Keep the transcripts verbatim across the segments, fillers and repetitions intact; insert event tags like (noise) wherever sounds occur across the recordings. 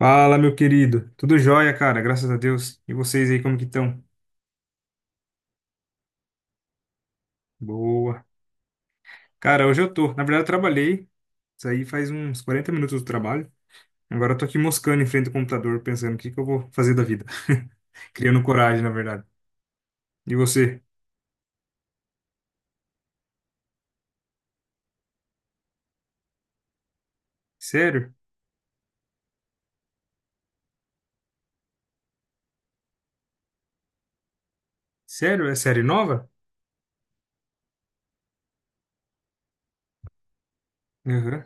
Fala, meu querido. Tudo jóia, cara, graças a Deus. E vocês aí, como que estão? Boa. Cara, hoje eu tô. Na verdade, eu trabalhei. Isso aí faz uns quarenta minutos do trabalho. Agora eu tô aqui moscando em frente ao computador, pensando o que que eu vou fazer da vida. (laughs) Criando coragem, na verdade. E você? Sério? Sério? É série nova? Aham.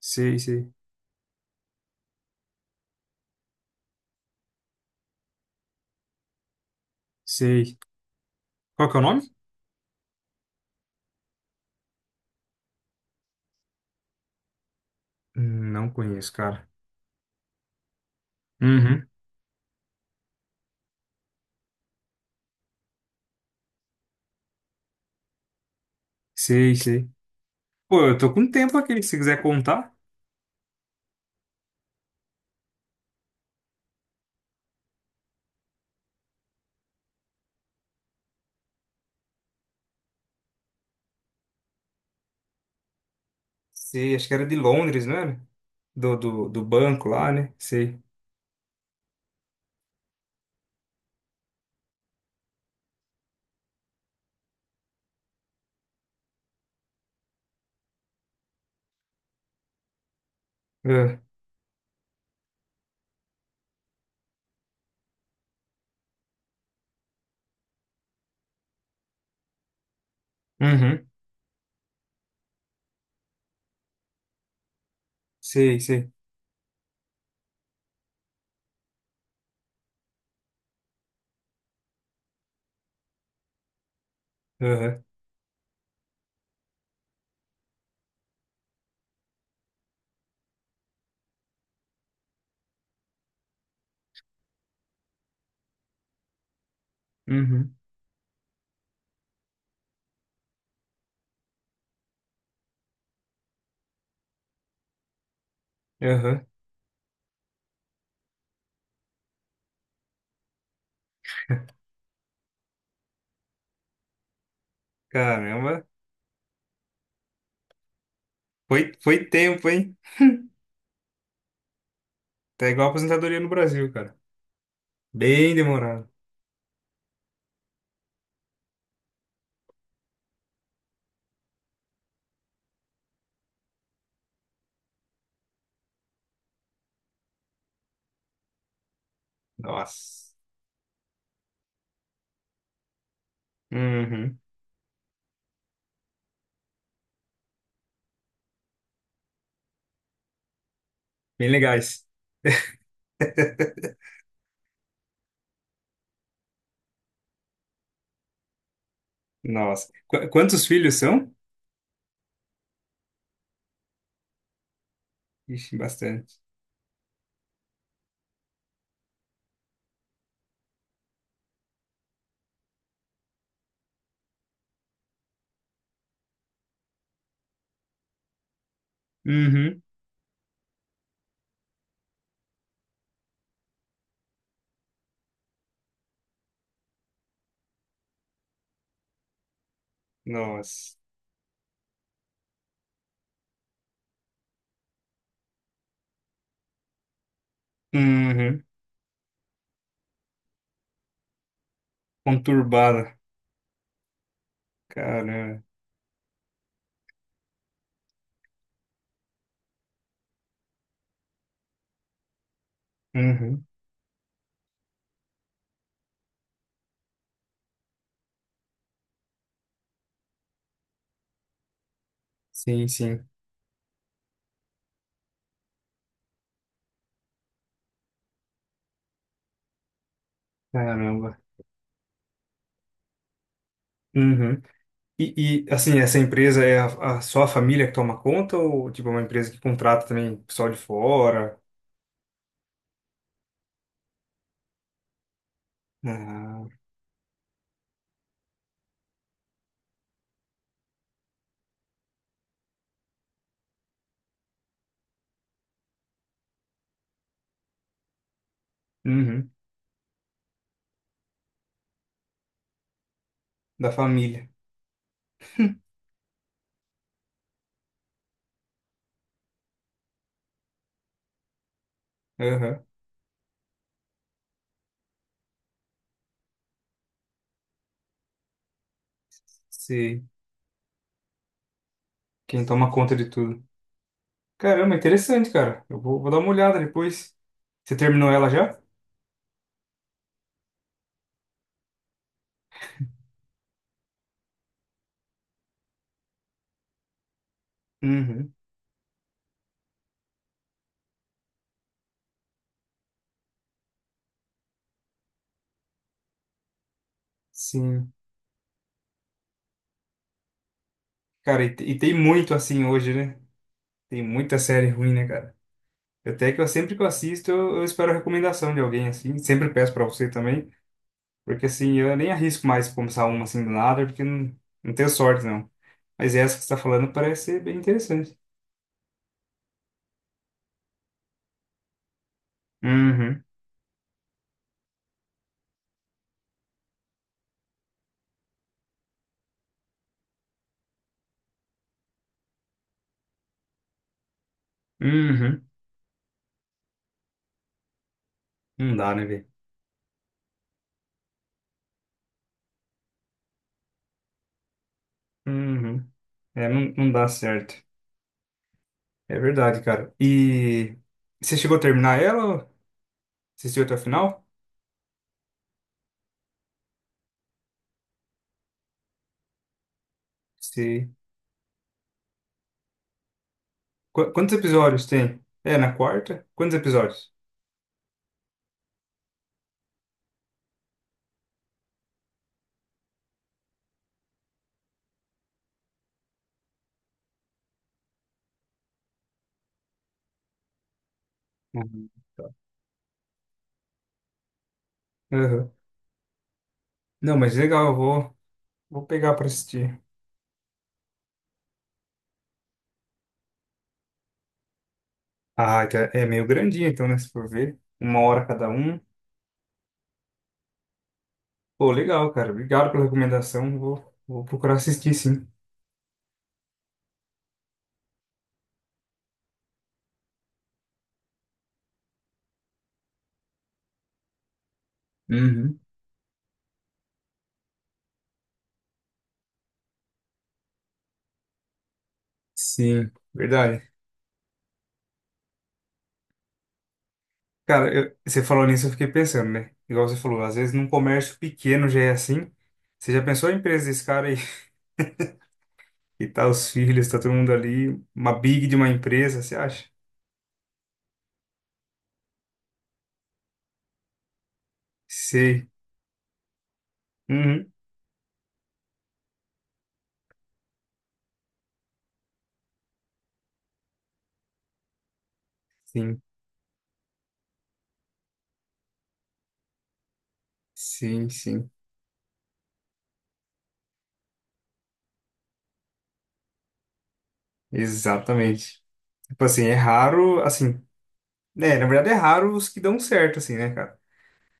Sei, sei. Sei. Qual que é o nome? Hum, Não conheço, cara. Uhum. Sei, sei. Pô, eu tô com tempo aqui, se quiser contar. Sei, acho que era de Londres, não era? Do, do, do banco lá, né? Sei. Ah, uhum. Sei, sei. Aham. Uhum. Aham. Caramba. Foi, foi tempo, hein? Tá igual a aposentadoria no Brasil, cara. Bem demorado. Nossa. Uhum. Bem legais. (laughs) Nossa. Qu- quantos filhos são? Ixi, bastante. Uhum. Nossa. Uhum. Conturbada. Caramba. Uhum. Sim, sim. Caramba. Uhum. E, e, assim, essa empresa é a, a- só a família que toma conta ou tipo é uma empresa que contrata também pessoal de fora? Ah, uhum, da família. Aham. Sei. Quem toma conta de tudo. Caramba, interessante, cara. Eu vou, vou dar uma olhada depois. Você terminou ela já? Uhum. Sim. Cara, e, te- e tem muito assim hoje, né? Tem muita série ruim, né, cara? Até que eu sempre que eu assisto, eu, eu espero a recomendação de alguém assim. Sempre peço pra você também. Porque assim, eu nem arrisco mais começar uma assim do nada, porque não, não tenho sorte, não. Mas essa que você está falando parece ser bem interessante. Uhum, uhum. Não dá, né, velho? Uhum. É, não, não dá certo. É verdade, cara. E você chegou a terminar ela? Ou assistiu até o final? Se... Qu- Quantos episódios tem? É, na quarta? Quantos episódios? Uhum. Aham. Não, mas legal, eu vou, vou pegar pra assistir. Ah, que é é meio grandinho, então, né? Se for ver, uma hora cada um. Pô, legal, cara. Obrigado pela recomendação. Vou, vou procurar assistir, sim. Uhum. Sim, verdade. Cara, eu- você falou nisso, eu fiquei pensando, né? Igual você falou, às vezes num comércio pequeno já é assim. Você já pensou a empresa desse cara aí? (laughs) E tá os filhos, tá todo mundo ali. Uma big de uma empresa, você acha? Sei. Uhum. Sim, sim, sim. Exatamente. Tipo assim, é raro, assim, né? Na verdade é raro os que dão certo, assim, né, cara?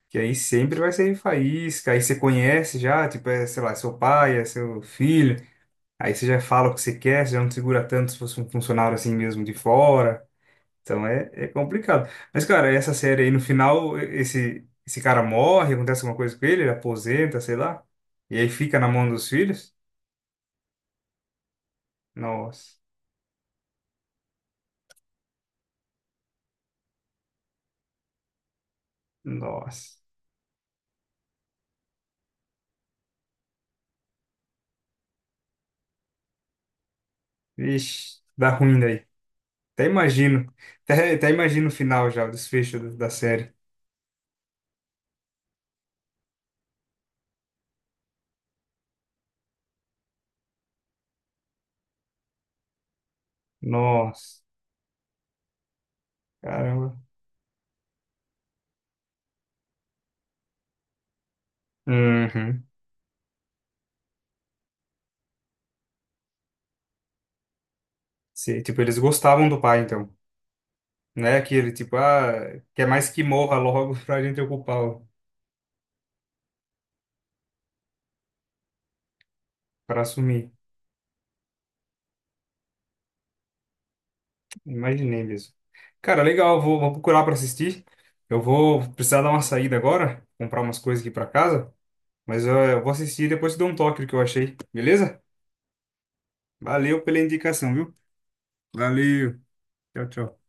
Que aí sempre vai ser faísca, aí você conhece já, tipo, é, sei lá, seu pai, é seu filho, aí você já fala o que você quer, você já não segura tanto se fosse um funcionário assim mesmo de fora. Então é, é complicado. Mas, cara, essa série aí, no final, e- esse, esse cara morre, acontece alguma coisa com ele, ele aposenta, sei lá, e aí fica na mão dos filhos. Nossa, nossa, vixe, dá ruim daí. Até imagino, até, até imagino o final já, o desfecho do- da série. Nossa, caramba. Uhum. Se, tipo, eles gostavam do pai, então. Não é aquele, tipo, ah, quer mais que morra logo (laughs) pra gente ocupar, o- pra assumir. Imaginei mesmo. Cara, legal, vou, vou procurar pra assistir. Eu vou precisar dar uma saída agora, comprar umas coisas aqui pra casa, mas eu, eu vou assistir e depois te dou um toque do que eu achei, beleza? Valeu pela indicação, viu? Valeu. Tchau, tchau.